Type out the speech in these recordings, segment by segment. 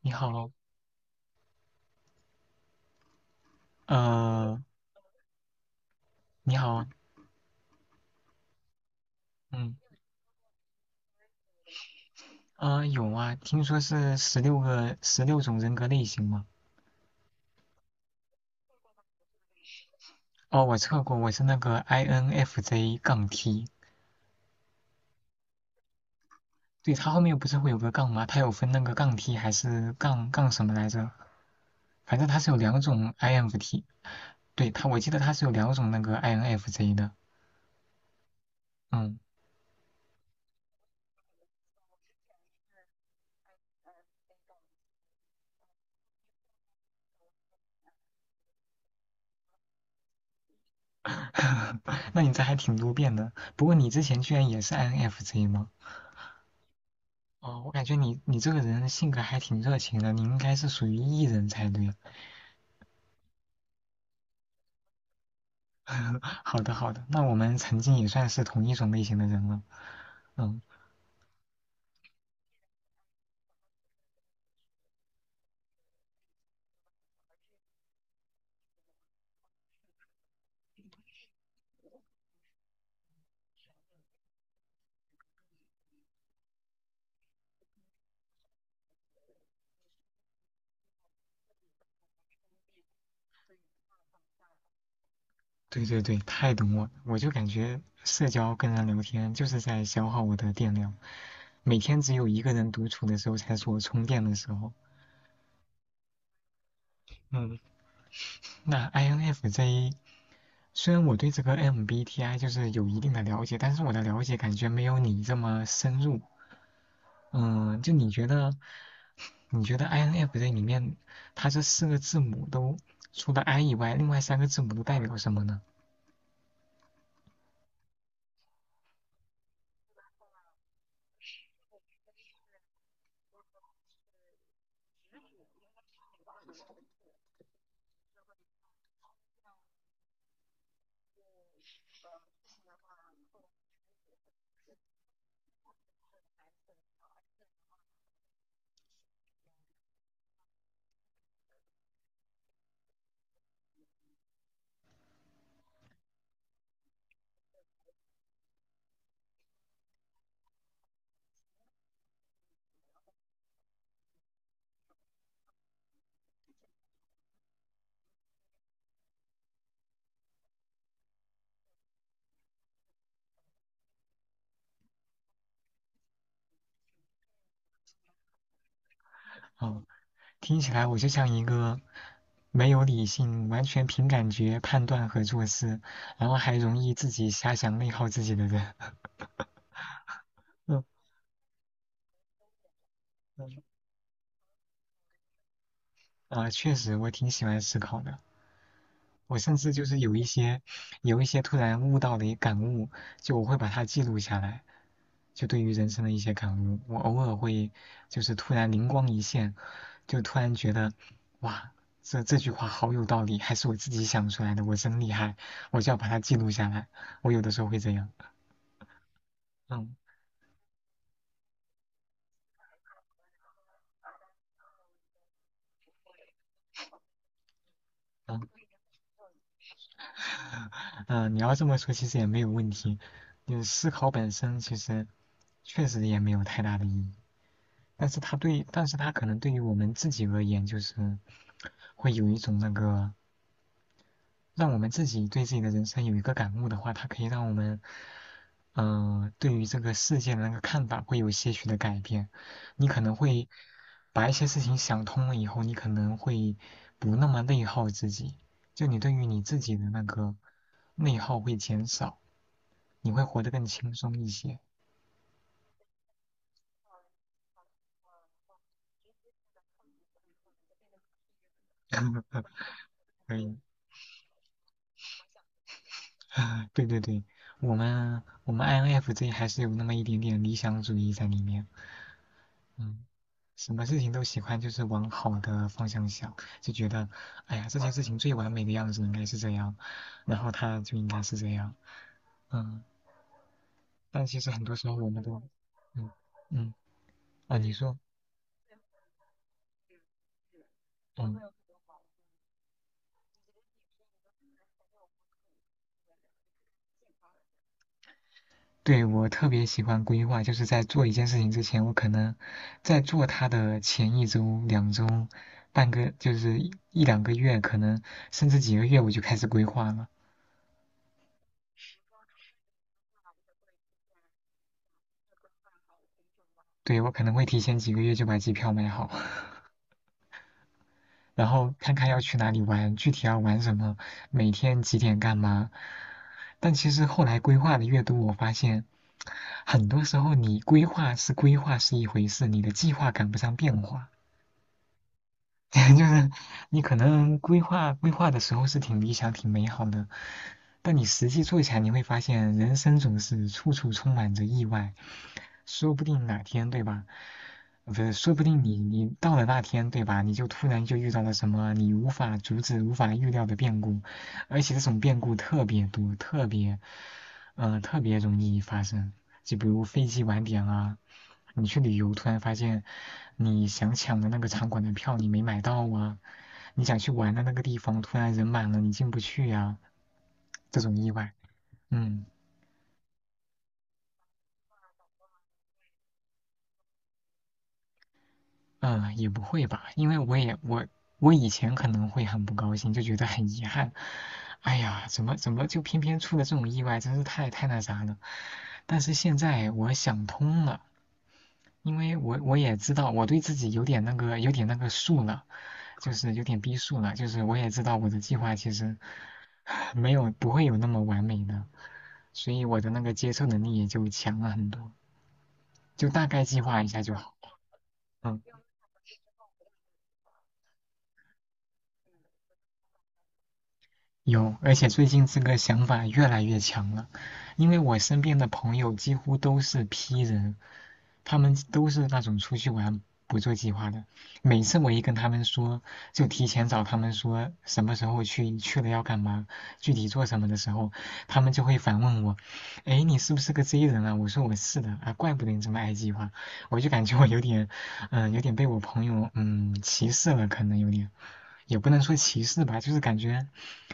你好，呃，你好。嗯，有啊，听说是十六个十六种人格类型嘛。哦，我测过，我是那个 INFJ 杠 T。对，它后面不是会有个杠吗？它有分那个杠 T 还是杠杠什么来着？反正它是有两种 INFT。对，它我记得它是有两种那个 INFJ 的。嗯，那你这还挺多变的，不过你之前居然也是 INFJ 吗？哦，我感觉你这个人性格还挺热情的，你应该是属于 E 人才对。好的，好的，那我们曾经也算是同一种类型的人了。嗯，对对对，太懂我了，我就感觉社交跟人聊天就是在消耗我的电量，每天只有一个人独处的时候才是我充电的时候。嗯，那 INFJ 虽然我对这个 MBTI 就是有一定的了解，但是我的了解感觉没有你这么深入。嗯，就你觉得，你觉得 INFJ 里面，它这四个字母都除了 I 以外，另外三个字母都代表什么呢？哦，听起来我就像一个没有理性、完全凭感觉判断和做事，然后还容易自己瞎想内耗自己的人。嗯嗯，啊，确实我挺喜欢思考的。我甚至就是有一些有一些突然悟到的一感悟，就我会把它记录下来，就对于人生的一些感悟，我偶尔会就是突然灵光一现，就突然觉得哇，这句话好有道理，还是我自己想出来的，我真厉害，我就要把它记录下来。我有的时候会这样。嗯嗯嗯，你要这么说其实也没有问题，就是思考本身其实确实也没有太大的意义，但是它对，但是它可能对于我们自己而言就是。会有一种那个让我们自己对自己的人生有一个感悟的话，它可以让我们，对于这个世界的那个看法会有些许的改变。你可能会把一些事情想通了以后，你可能会不那么内耗自己，就你对于你自己的那个内耗会减少，你会活得更轻松一些。可以。对对对，我们 INFJ 还是有那么一点点理想主义在里面。嗯，什么事情都喜欢就是往好的方向想，就觉得，哎呀，这件事情最完美的样子应该是这样，然后它就应该是这样。嗯，但其实很多时候我们都，嗯嗯啊，你说。嗯，对，我特别喜欢规划，就是在做一件事情之前，我可能在做它的前一周、两周、半个，就是一两个月，可能甚至几个月，我就开始规划了。对，我可能会提前几个月就把机票买好。然后看看要去哪里玩，具体要玩什么，每天几点干嘛。但其实后来规划的越多，我发现很多时候你规划是规划是一回事，你的计划赶不上变化。就是你可能规划规划的时候是挺理想、挺美好的，但你实际做起来，你会发现人生总是处处充满着意外。说不定哪天，对吧？不是，说不定你到了那天，对吧？你就突然就遇到了什么你无法阻止、无法预料的变故，而且这种变故特别多，特别，特别容易发生。就比如飞机晚点啊，你去旅游突然发现你想抢的那个场馆的票你没买到啊，你想去玩的那个地方突然人满了你进不去呀、这种意外。嗯。也不会吧，因为我我以前可能会很不高兴，就觉得很遗憾，哎呀，怎么就偏偏出了这种意外，真是太那啥了。但是现在我想通了，因为我也知道我对自己有点那个有点那个数了，就是有点逼数了，就是我也知道我的计划其实 没有不会有那么完美的，所以我的那个接受能力也就强了很多，就大概计划一下就好。嗯。有，而且最近这个想法越来越强了，因为我身边的朋友几乎都是 P 人，他们都是那种出去玩不做计划的。每次我一跟他们说，就提前找他们说什么时候去，去了要干嘛，具体做什么的时候，他们就会反问我：“哎，你是不是个 J 人啊？”我说：“我是的啊，怪不得你这么爱计划。”我就感觉我有点，有点被我朋友歧视了，可能有点，也不能说歧视吧，就是感觉。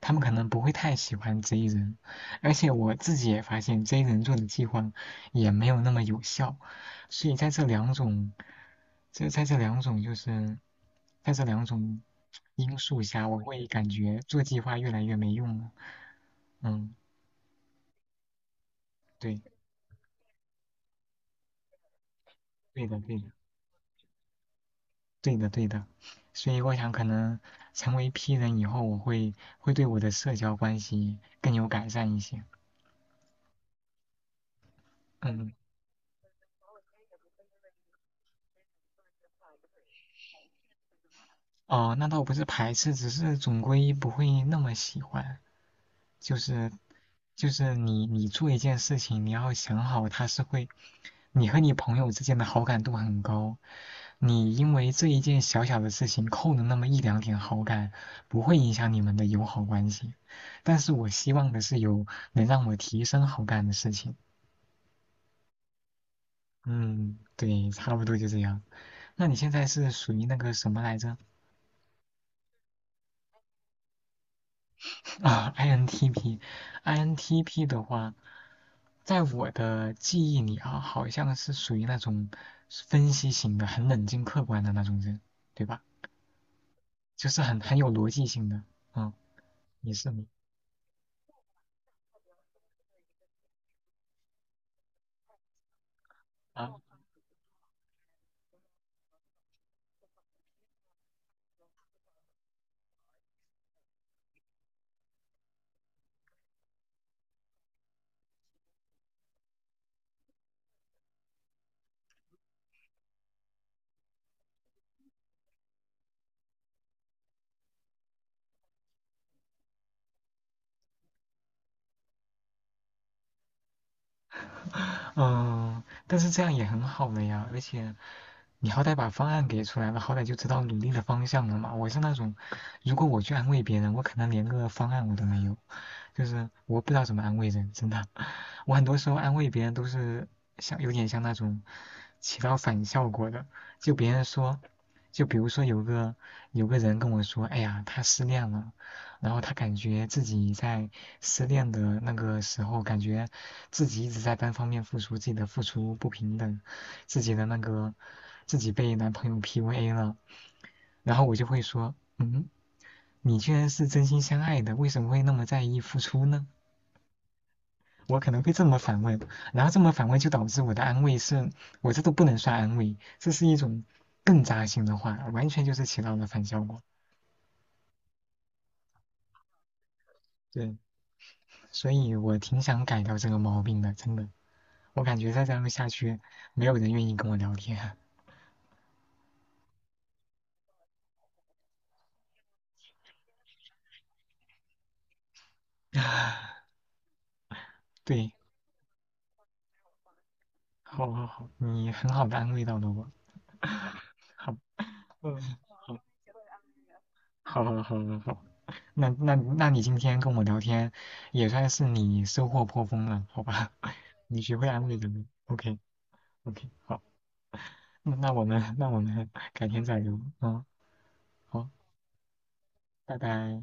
他们可能不会太喜欢 J 人，而且我自己也发现 J 人做的计划也没有那么有效，所以在这两种就是在这两种因素下，我会感觉做计划越来越没用了。嗯，对，对的，对的，对的，对的。所以我想，可能成为 P 人以后，我会对我的社交关系更有改善一些。嗯。哦，那倒不是排斥，只是总归不会那么喜欢。就是就是你做一件事情，你要想好它是会，你和你朋友之间的好感度很高，你因为这一件小小的事情扣了那么一两点好感，不会影响你们的友好关系。但是我希望的是有能让我提升好感的事情。嗯，对，差不多就这样。那你现在是属于那个什么来着？啊，INTP，INTP 的话，在我的记忆里啊，好像是属于那种分析型的、很冷静客观的那种人，对吧？就是很有逻辑性的。嗯，你是你啊。嗯，但是这样也很好了呀，而且你好歹把方案给出来了，好歹就知道努力的方向了嘛。我是那种，如果我去安慰别人，我可能连个方案我都没有，就是我不知道怎么安慰人，真的。我很多时候安慰别人都是像有点像那种起到反效果的，就别人说，就比如说有个人跟我说，哎呀，他失恋了，然后他感觉自己在失恋的那个时候，感觉自己一直在单方面付出，自己的付出不平等，自己的那个。自己被男朋友 PUA 了，然后我就会说，嗯，你居然是真心相爱的，为什么会那么在意付出呢？我可能会这么反问，然后这么反问就导致我的安慰是，我这都不能算安慰，这是一种更扎心的话，完全就是起到了反效果。对，所以我挺想改掉这个毛病的，真的，我感觉再这样下去，没有人愿意跟我聊天。对，好好好，你很好的安慰到了我，好吧。嗯，好，好，好，好，好，好。那那你今天跟我聊天，也算是你收获颇丰了，好吧？你学会安慰人了。OK，OK，好，那我们改天再聊。嗯，好，拜拜。